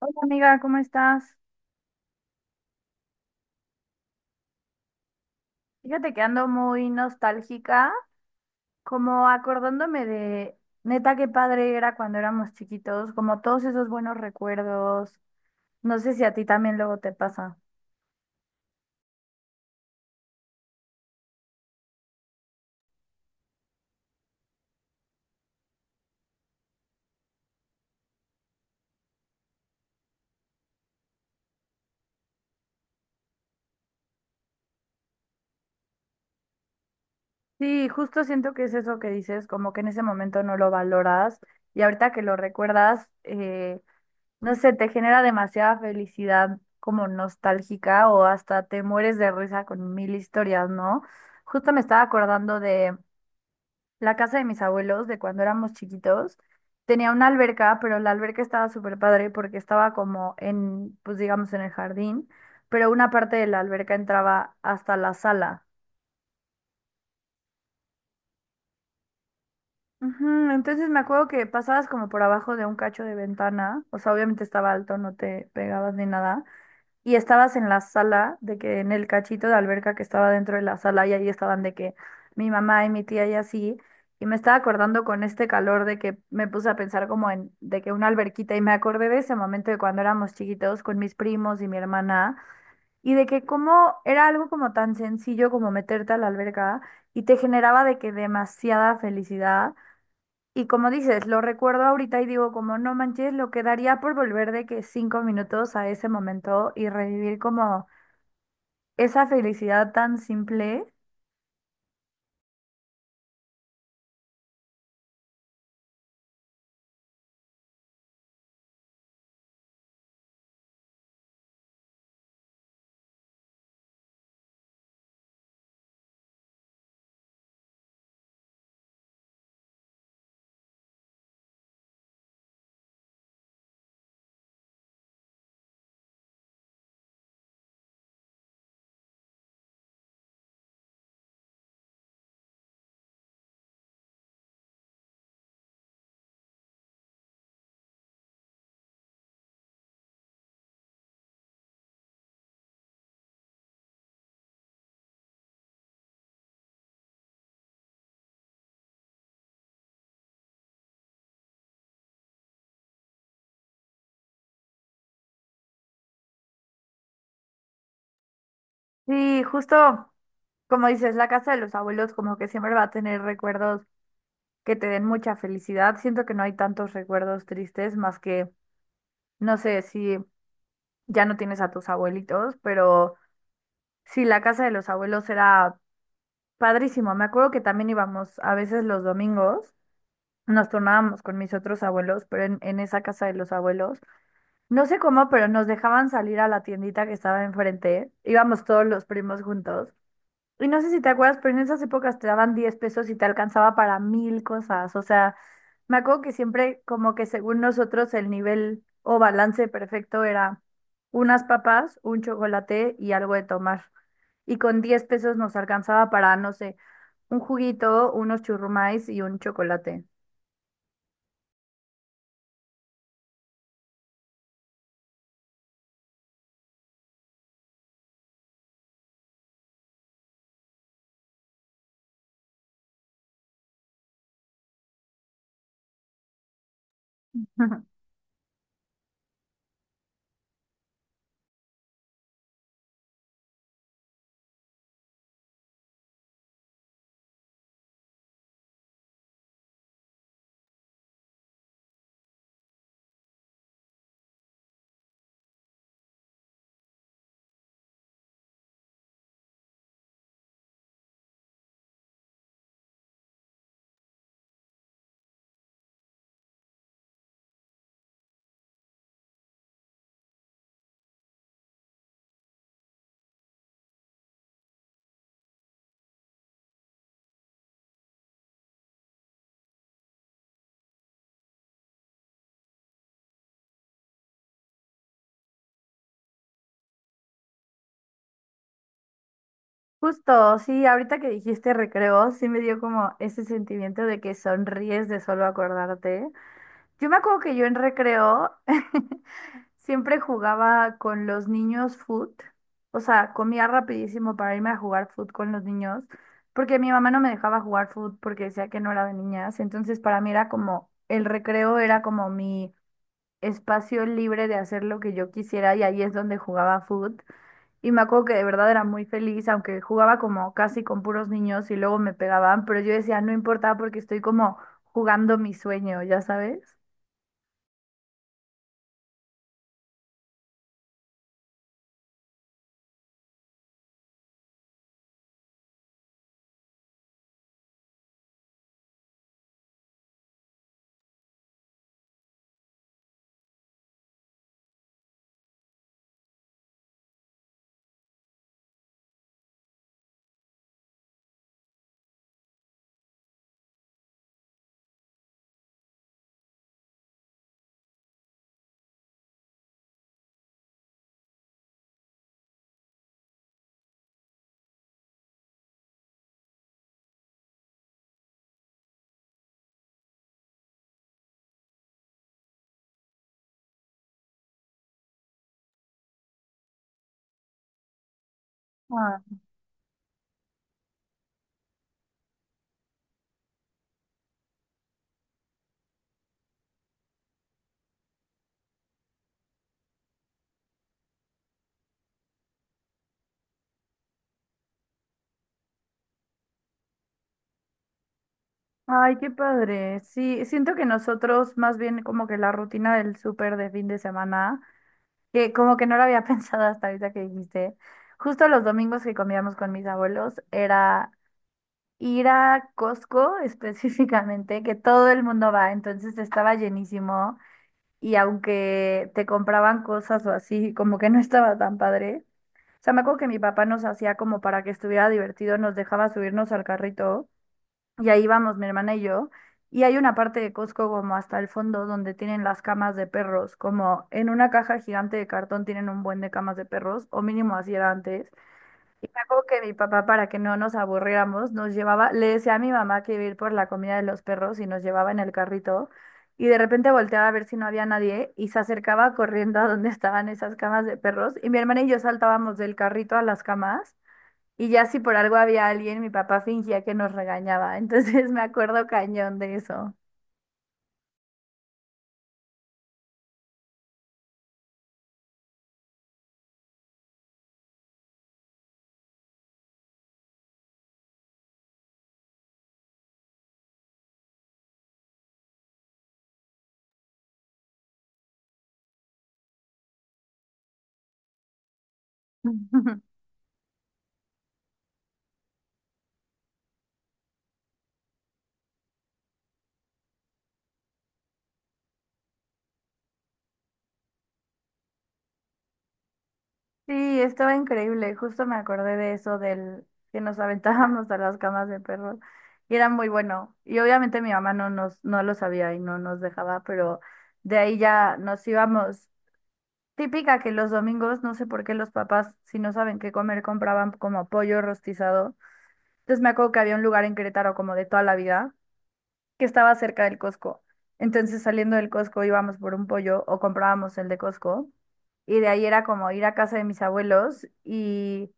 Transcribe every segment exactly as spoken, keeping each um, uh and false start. Hola amiga, ¿cómo estás? Fíjate que ando muy nostálgica, como acordándome de, neta, qué padre era cuando éramos chiquitos, como todos esos buenos recuerdos. No sé si a ti también luego te pasa. Sí, justo siento que es eso que dices, como que en ese momento no lo valoras y ahorita que lo recuerdas, eh, no sé, te genera demasiada felicidad como nostálgica o hasta te mueres de risa con mil historias, ¿no? Justo me estaba acordando de... La casa de mis abuelos, de cuando éramos chiquitos, tenía una alberca, pero la alberca estaba súper padre porque estaba como en, pues digamos, en el jardín, pero una parte de la alberca entraba hasta la sala. Ujú. Entonces me acuerdo que pasabas como por abajo de un cacho de ventana, o sea, obviamente estaba alto, no te pegabas ni nada, y estabas en la sala, de que en el cachito de alberca que estaba dentro de la sala y ahí estaban de que mi mamá y mi tía y así. Y me estaba acordando con este calor de que me puse a pensar como en de que una alberquita y me acordé de ese momento de cuando éramos chiquitos con mis primos y mi hermana y de que como era algo como tan sencillo como meterte a la alberca y te generaba de que demasiada felicidad y como dices, lo recuerdo ahorita y digo, como no manches, lo que daría por volver de que cinco minutos a ese momento y revivir como esa felicidad tan simple. Sí, justo como dices, la casa de los abuelos como que siempre va a tener recuerdos que te den mucha felicidad. Siento que no hay tantos recuerdos tristes más que, no sé, si ya no tienes a tus abuelitos, pero sí, la casa de los abuelos era padrísimo. Me acuerdo que también íbamos a veces los domingos. Nos turnábamos con mis otros abuelos, pero en, en esa casa de los abuelos, no sé cómo, pero nos dejaban salir a la tiendita que estaba enfrente, íbamos todos los primos juntos. Y no sé si te acuerdas, pero en esas épocas te daban diez pesos y te alcanzaba para mil cosas. O sea, me acuerdo que siempre como que según nosotros el nivel o balance perfecto era unas papas, un chocolate y algo de tomar. Y con diez pesos nos alcanzaba para, no sé, un juguito, unos churrumais y un chocolate. Justo, sí, ahorita que dijiste recreo, sí me dio como ese sentimiento de que sonríes de solo acordarte. Yo me acuerdo que yo en recreo siempre jugaba con los niños foot, o sea, comía rapidísimo para irme a jugar foot con los niños, porque mi mamá no me dejaba jugar foot porque decía que no era de niñas, entonces para mí era como, el recreo era como mi espacio libre de hacer lo que yo quisiera y ahí es donde jugaba foot. Y me acuerdo que de verdad era muy feliz, aunque jugaba como casi con puros niños y luego me pegaban, pero yo decía, no importa porque estoy como jugando mi sueño, ¿ya sabes? Ah. Ay, qué padre. Sí, siento que nosotros más bien como que la rutina del súper de fin de semana, que como que no lo había pensado hasta ahorita que dijiste, justo los domingos que comíamos con mis abuelos era ir a Costco específicamente, que todo el mundo va, entonces estaba llenísimo y aunque te compraban cosas o así, como que no estaba tan padre. O sea, me acuerdo que mi papá nos hacía como para que estuviera divertido, nos dejaba subirnos al carrito y ahí íbamos mi hermana y yo. Y hay una parte de Costco como hasta el fondo donde tienen las camas de perros, como en una caja gigante de cartón tienen un buen de camas de perros, o mínimo así era antes. Y me acuerdo que mi papá, para que no nos aburriéramos, nos llevaba, le decía a mi mamá que iba a ir por la comida de los perros y nos llevaba en el carrito. Y de repente volteaba a ver si no había nadie y se acercaba corriendo a donde estaban esas camas de perros. Y mi hermana y yo saltábamos del carrito a las camas. Y ya si por algo había alguien, mi papá fingía que nos regañaba. Entonces me acuerdo cañón de eso. Sí, estaba increíble. Justo me acordé de eso del que nos aventábamos a las camas de perros y era muy bueno. Y obviamente mi mamá no nos no lo sabía y no nos dejaba, pero de ahí ya nos íbamos. Típica que los domingos, no sé por qué los papás, si no saben qué comer, compraban como pollo rostizado. Entonces me acuerdo que había un lugar en Querétaro como de toda la vida que estaba cerca del Costco. Entonces, saliendo del Costco íbamos por un pollo o comprábamos el de Costco. Y de ahí era como ir a casa de mis abuelos y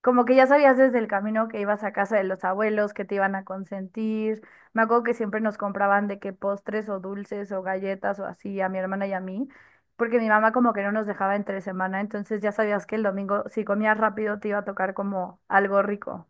como que ya sabías desde el camino que ibas a casa de los abuelos, que te iban a consentir. Me acuerdo que siempre nos compraban de que postres o dulces o galletas o así a mi hermana y a mí, porque mi mamá como que no nos dejaba entre semana, entonces ya sabías que el domingo si comías rápido te iba a tocar como algo rico.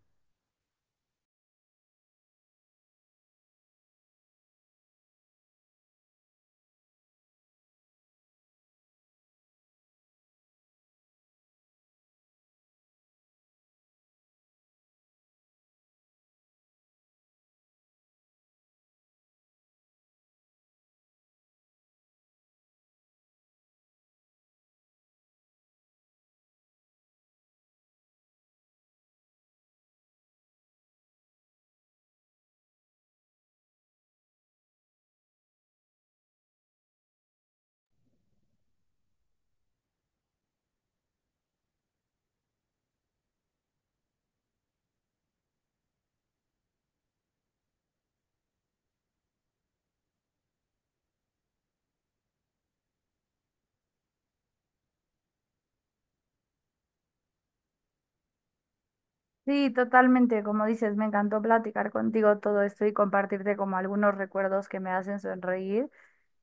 Sí, totalmente, como dices, me encantó platicar contigo todo esto y compartirte como algunos recuerdos que me hacen sonreír.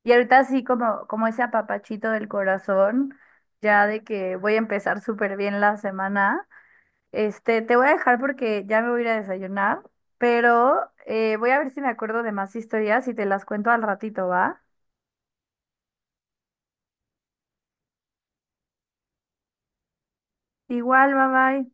Y ahorita sí, como, como ese apapachito del corazón, ya de que voy a empezar súper bien la semana. Este, te voy a dejar porque ya me voy a ir a desayunar, pero eh, voy a ver si me acuerdo de más historias y te las cuento al ratito, ¿va? Igual, bye bye.